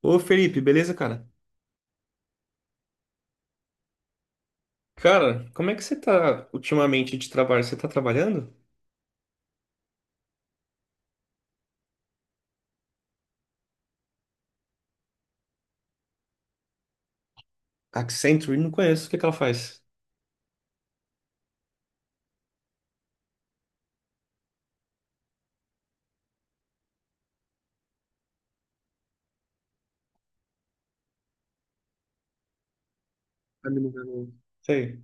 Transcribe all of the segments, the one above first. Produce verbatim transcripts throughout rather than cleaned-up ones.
Ô Felipe, beleza, cara? Cara, como é que você tá ultimamente de trabalho? Você tá trabalhando? Accenture? Não conheço. O que que ela faz? Tá me ligando. Sei.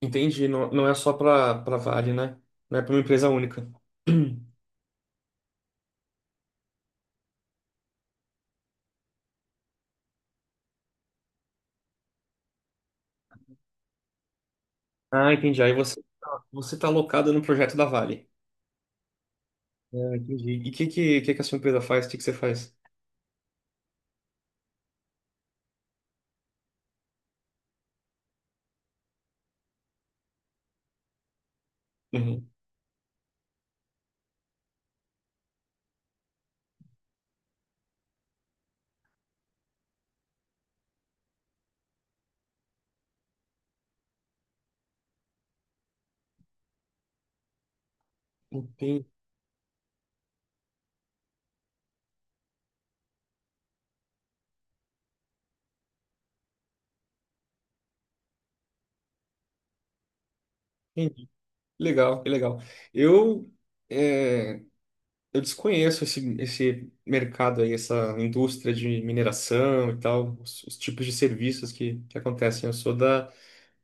Entendi. Não, não é só pra, pra Vale, né? Não é pra uma empresa única. Ah, entendi. Aí você, tá- você tá alocado no projeto da Vale. Ah, entendi. E o que, que, que, que a sua empresa faz? O que, que você faz? Uhum. Entendi. Entendi. Legal, que legal. Eu. Eu desconheço esse, esse mercado aí, essa indústria de mineração e tal, os, os tipos de serviços que, que acontecem. Eu sou da,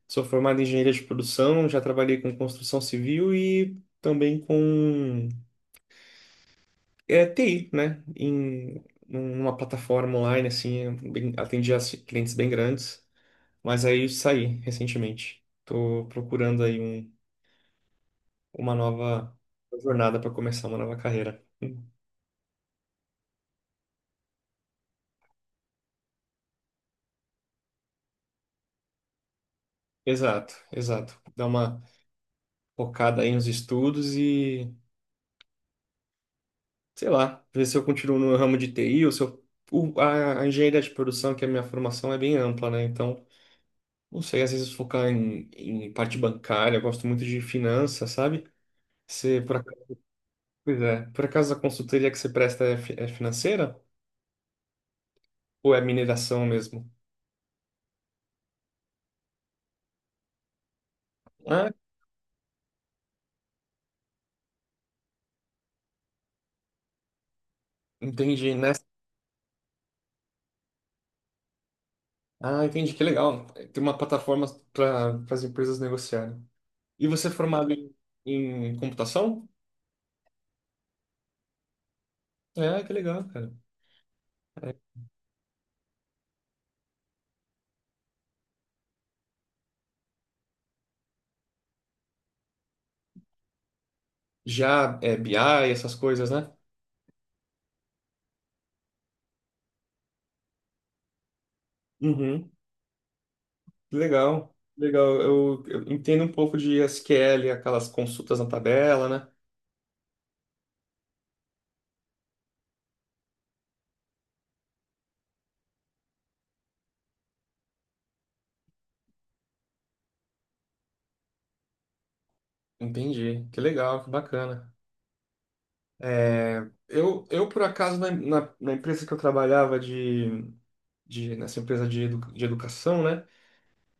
Sou formado em engenharia de produção, já trabalhei com construção civil e também com é, T I, né? Em numa plataforma online, assim, bem- atendi a ci- clientes bem grandes, mas aí saí recentemente. Tô procurando aí um, uma nova jornada para começar uma nova carreira. Exato, exato. Dá uma focada aí nos estudos e, sei lá, ver se eu continuo no ramo de T I ou se eu. o- a, a engenharia de produção, que é a minha formação, é bem ampla, né? Então, não sei, às vezes focar em, em parte bancária, eu gosto muito de finanças, sabe? Você, por acaso, pois é, Por acaso a consultoria que você presta é, fi- é financeira ou é mineração mesmo? Ah, entendi, né? Ah, entendi, que legal. Tem uma plataforma para as empresas negociarem. E você é formado em, em computação? É, que legal, cara. Já é B I, essas coisas, né? Uhum. Legal, legal. Eu, eu entendo um pouco de S Q L, aquelas consultas na tabela, né? Entendi. Que legal, que bacana. É, eu, eu, por acaso, na, na, na empresa que eu trabalhava de, de nessa empresa de, edu, de educação, né?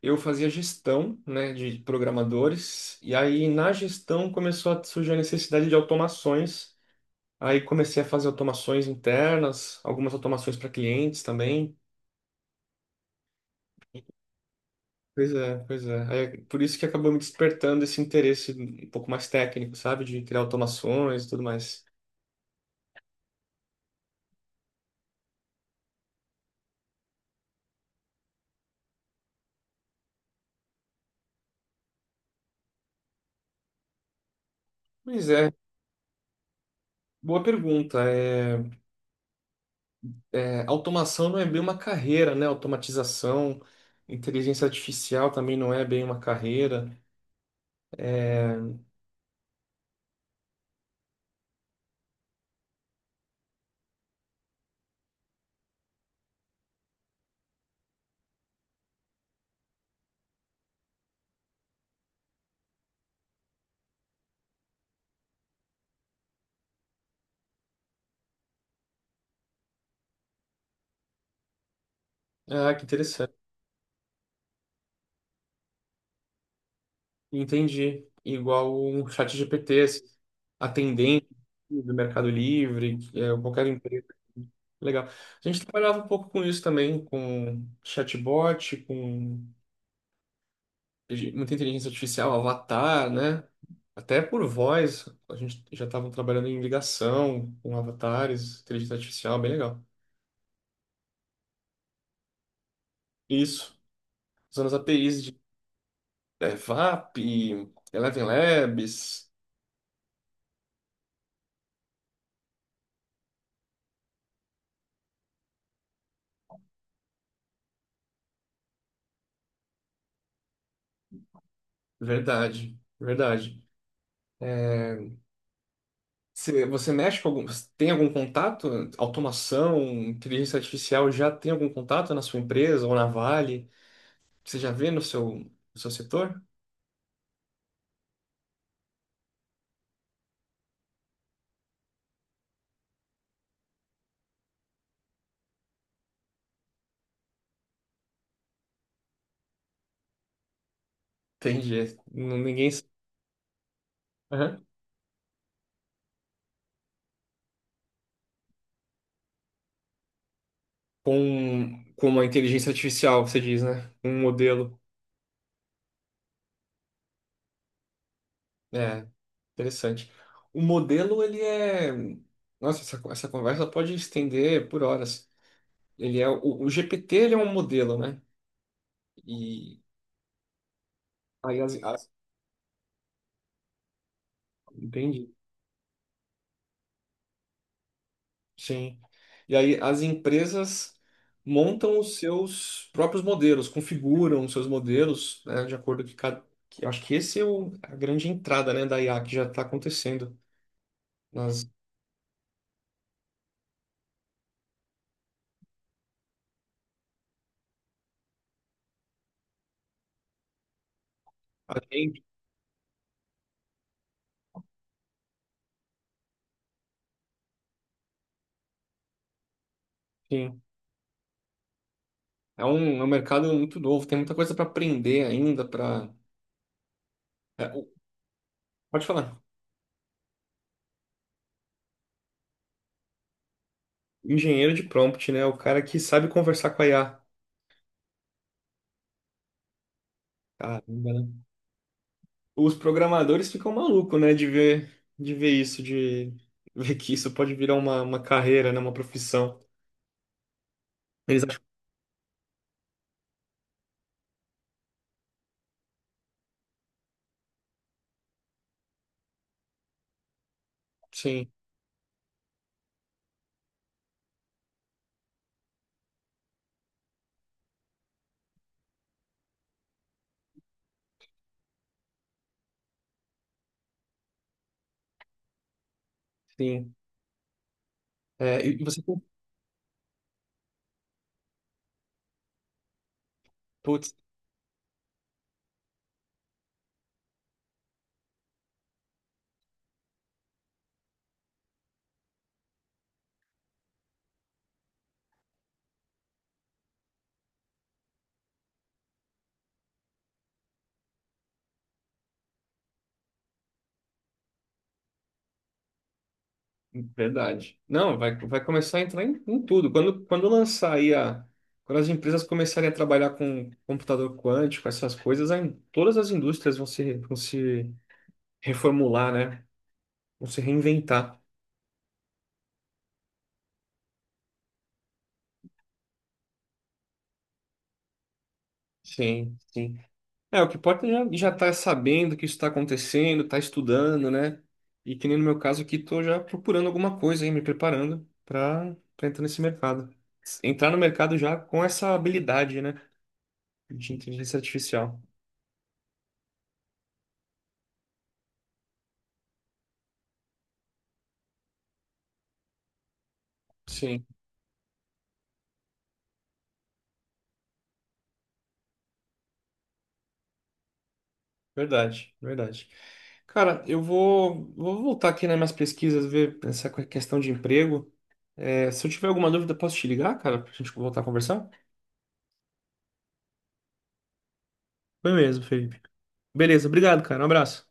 Eu fazia gestão, né, de programadores, e aí na gestão começou a surgir a necessidade de automações. Aí comecei a fazer automações internas, algumas automações para clientes também. Pois é, pois é. Aí é por isso que acabou me despertando esse interesse um pouco mais técnico, sabe? De criar automações e tudo mais. Pois é, boa pergunta. É, é, automação não é bem uma carreira, né? Automatização, inteligência artificial também não é bem uma carreira. É, ah, que interessante. Entendi. Igual um chat G P T, esse atendente do Mercado Livre, é, qualquer empresa. Legal. A gente trabalhava um pouco com isso também, com chatbot, com muita inteligência artificial, avatar, né? Até por voz, a gente já estava trabalhando em ligação com avatares, inteligência artificial, bem legal. Isso, usando as A P Is de é, V A P, Eleven Labs, verdade, verdade. É, você, você mexe com algum, tem algum contato? Automação, inteligência artificial, já tem algum contato na sua empresa ou na Vale? Você já vê no seu, no seu setor? Entendi. É, n- ninguém. com, com uma inteligência artificial, você diz, né? Um modelo. É, interessante. O modelo, ele é. Nossa, essa, essa conversa pode estender por horas. Ele é o, o G P T, ele é um modelo, né? E aí as, as- entendi. Sim. E aí as empresas montam os seus próprios modelos, configuram os seus modelos, né, de acordo com cada. que- Acho que esse é o, a grande entrada, né, da I A que já está acontecendo nas agências. É um, é um mercado muito novo, tem muita coisa para aprender ainda, para pode falar. Engenheiro de prompt, né? O cara que sabe conversar com a I A. Caramba, né? Os programadores ficam malucos, né? De ver, de ver isso, de ver que isso pode virar uma, uma carreira, né? Uma profissão. Eles acham sim, sim. É, e e você, putz, verdade. Não, vai, vai começar a entrar em, em tudo. Quando, quando lançar aí a. Quando as empresas começarem a trabalhar com computador quântico, essas coisas, aí todas as indústrias vão se, vão se reformular, né? Vão se reinventar. Sim, sim. É, o que importa é já, já tá sabendo que isso está acontecendo, tá estudando, né? E que nem no meu caso aqui, tô já procurando alguma coisa aí, me preparando para entrar nesse mercado. Entrar no mercado já com essa habilidade, né? De inteligência artificial. Sim. Verdade, verdade. Cara, eu vou, vou voltar aqui nas minhas pesquisas, ver essa que- questão de emprego. É, se eu tiver alguma dúvida, posso te ligar, cara, pra gente voltar a conversar? Foi mesmo, Felipe. Beleza, obrigado, cara. Um abraço.